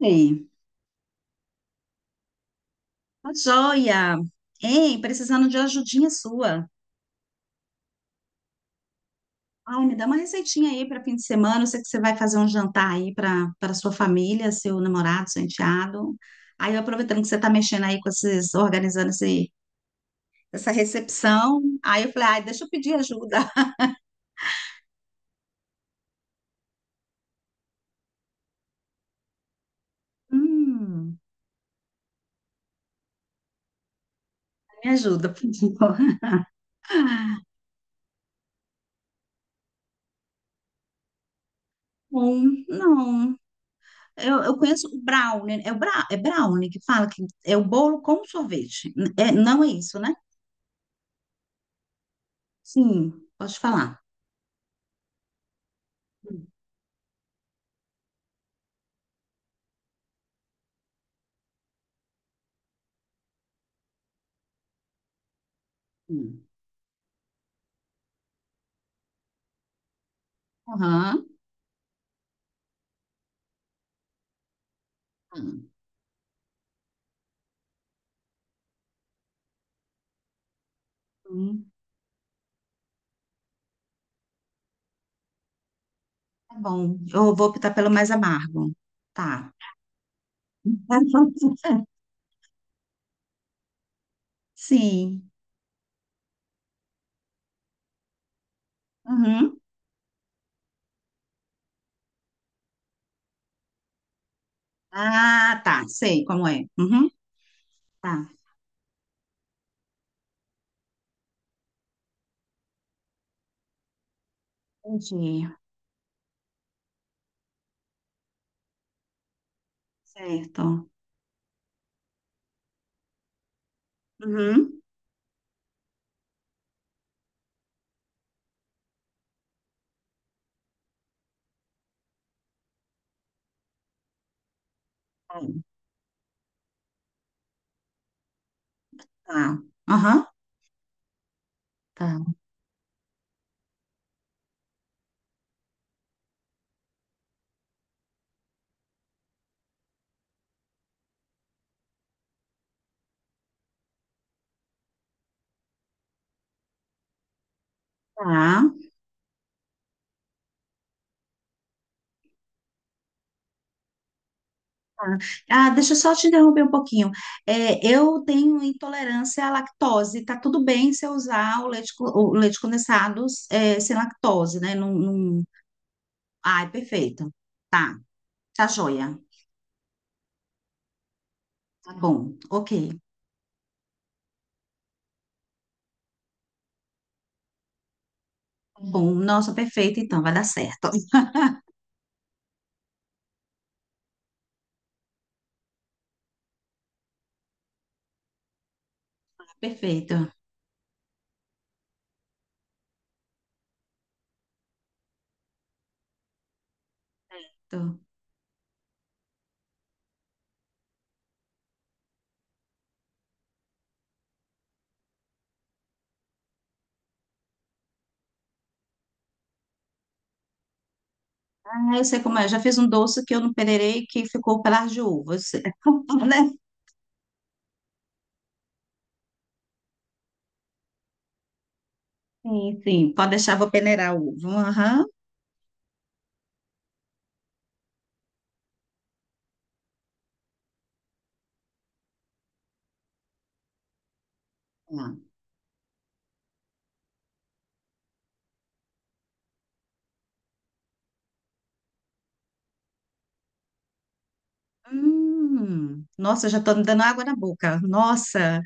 Ei, tá joia. Ei, precisando de uma ajudinha sua. Ai, me dá uma receitinha aí para fim de semana. Eu sei que você vai fazer um jantar aí para sua família, seu namorado, seu enteado. Aí, eu aproveitando que você tá mexendo aí com esses, organizando esse, essa recepção, aí eu falei, ai, deixa eu pedir ajuda. Hum. Me ajuda, por favor. Bom, não. Eu conheço o brownie. É, é brownie que fala que é o bolo com sorvete. É, não é isso, né? Sim, pode falar. Hum, hum. Aham. Hum. Hum, tá bom. Eu vou optar pelo mais amargo. Tá. Sim. Uhum. Ah, tá. Sei como é. Uhum. Tá. Entendi. Certo. Uhum. Tá. Aham. Tá. Tá. Tá. Ah, deixa eu só te interromper um pouquinho. É, eu tenho intolerância à lactose. Tá tudo bem se eu usar o leite, o leite condensado, sem lactose, né? Não, não- Ai, perfeito. Tá, tá joia. Tá bom, ok. Tá bom, nossa, perfeito, então, vai dar certo. Perfeito. Tô. Ah, eu sei como é. Eu já fiz um doce que eu não peneirei que ficou pelas de uva. Eu sei. Né? Sim, sim. Pode deixar, vou peneirar o ovo. Aham. Tá. Nossa, eu já tô me dando água na boca. Nossa.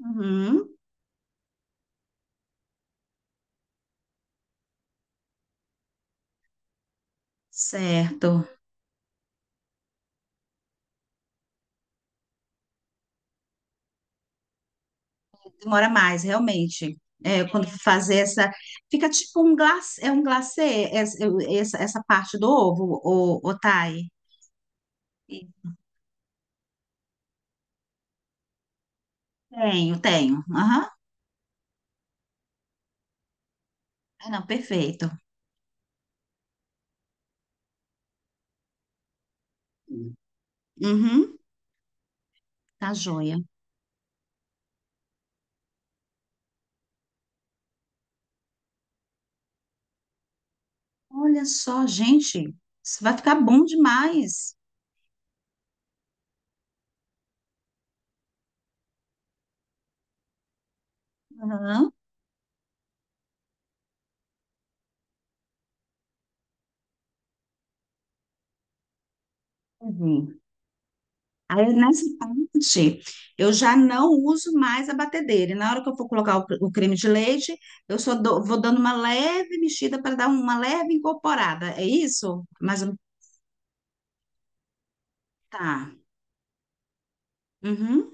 Uhum. Certo. Demora mais, realmente. É, quando fazer essa. Fica tipo um glacê, é um glacê, essa parte do ovo, o Thay. Tenho, tenho. Aham. Ah, não, perfeito. Uhum, tá joia. Olha só, gente, isso vai ficar bom demais. Aham. Uhum. Aí, nessa parte, eu já não uso mais a batedeira. E na hora que eu for colocar o creme de leite, vou dando uma leve mexida para dar uma leve incorporada. É isso? Mas tá. Uhum.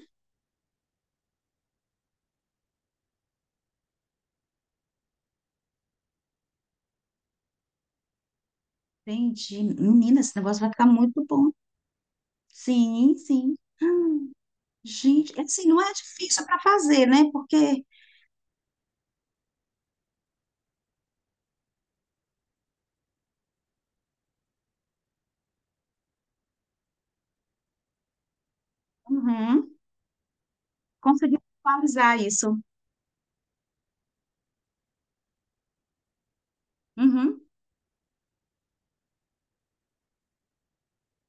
Entendi. Menina, esse negócio vai ficar muito bom. Sim, sim. Gente, é assim, não é difícil para fazer, né? Porque, uhum, consegui visualizar isso. Uhum.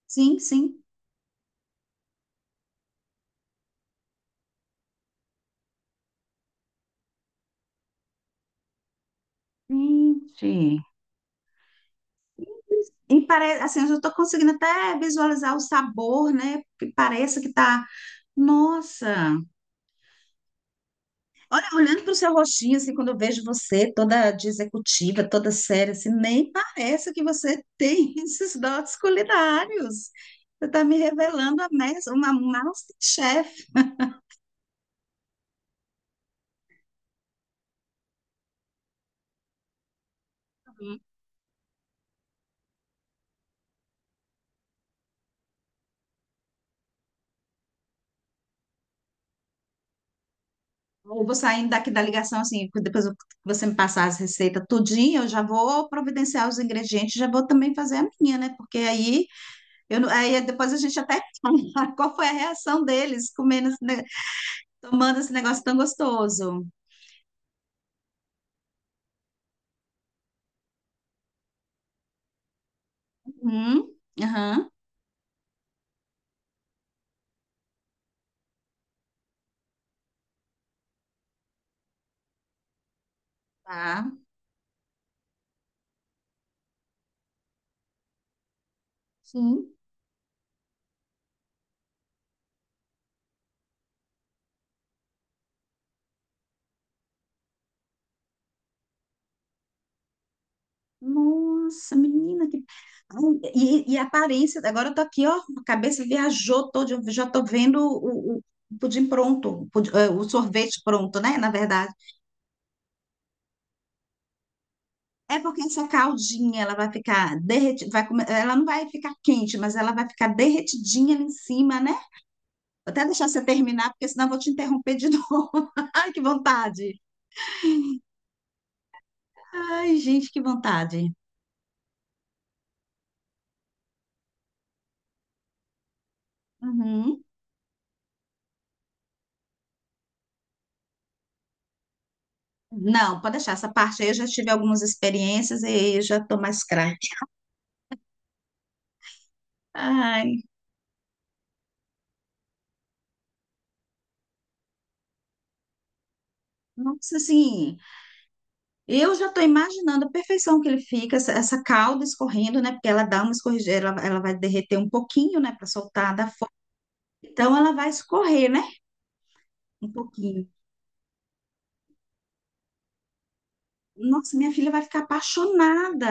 Sim, sim. Gente. E parece, assim, eu já estou conseguindo até visualizar o sabor, né? Que parece que tá. Nossa! Olha, olhando para o seu rostinho, assim, quando eu vejo você toda de executiva, toda séria, assim, nem parece que você tem esses dotes culinários. Você está me revelando a uma masterchef. Eu vou saindo daqui da ligação, assim, depois que você me passar as receitas tudinho, eu já vou providenciar os ingredientes, já vou também fazer a minha, né? Porque aí. Eu não- aí depois a gente até fala qual foi a reação deles comendo, tomando esse negócio tão gostoso. Uhum, aham, tá, sim. Nossa, menina, que... Ai, E a aparência, agora eu tô aqui, ó, a cabeça viajou toda, eu já tô vendo o pudim pronto, o sorvete pronto, né, na verdade. É porque essa caldinha, ela vai ficar derretida, ela não vai ficar quente, mas ela vai ficar derretidinha ali em cima, né? Vou até deixar você terminar, porque senão eu vou te interromper de novo. Ai, que vontade. Ai, gente, que vontade. Uhum. Não, pode deixar essa parte aí. Eu já tive algumas experiências e eu já estou mais craque. Ai, nossa, assim, eu já estou imaginando a perfeição que ele fica, essa calda escorrendo, né? Porque ela dá uma escorredeira, ela vai derreter um pouquinho, né? Para soltar da forma. Então ela vai escorrer, né? Um pouquinho. Nossa, minha filha vai ficar apaixonada.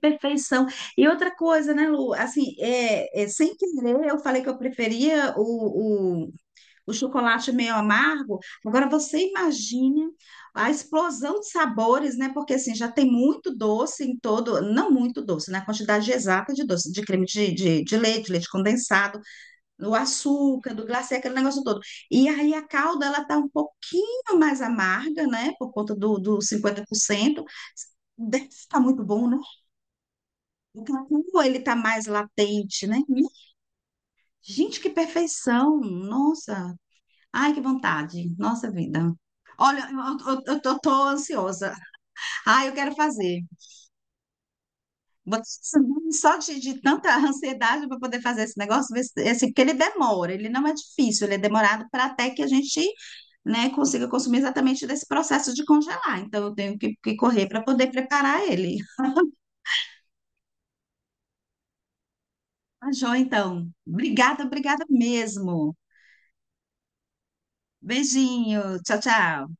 Perfeição. E outra coisa, né, Lu? Assim, sem querer, eu falei que eu preferia o chocolate meio amargo. Agora, você imagine a explosão de sabores, né? Porque, assim, já tem muito doce em todo, não muito doce, né? A quantidade exata de doce, de creme de leite, leite condensado, do açúcar, do glacê, aquele negócio todo. E aí a calda, ela tá um pouquinho mais amarga, né? Por conta do 50%. Deve estar muito bom, né? O cacau, ele tá mais latente, né? Minha. Gente, que perfeição! Nossa! Ai, que vontade! Nossa vida! Olha, eu tô, tô ansiosa. Ai, eu quero fazer. Vou- Só de tanta ansiedade para poder fazer esse negócio, ver se- assim, porque ele demora, ele não é difícil, ele é demorado para até que a gente, né, consiga consumir exatamente desse processo de congelar. Então, eu tenho que correr para poder preparar ele. Tá joia, então. Obrigada, obrigada mesmo. Beijinho. Tchau, tchau.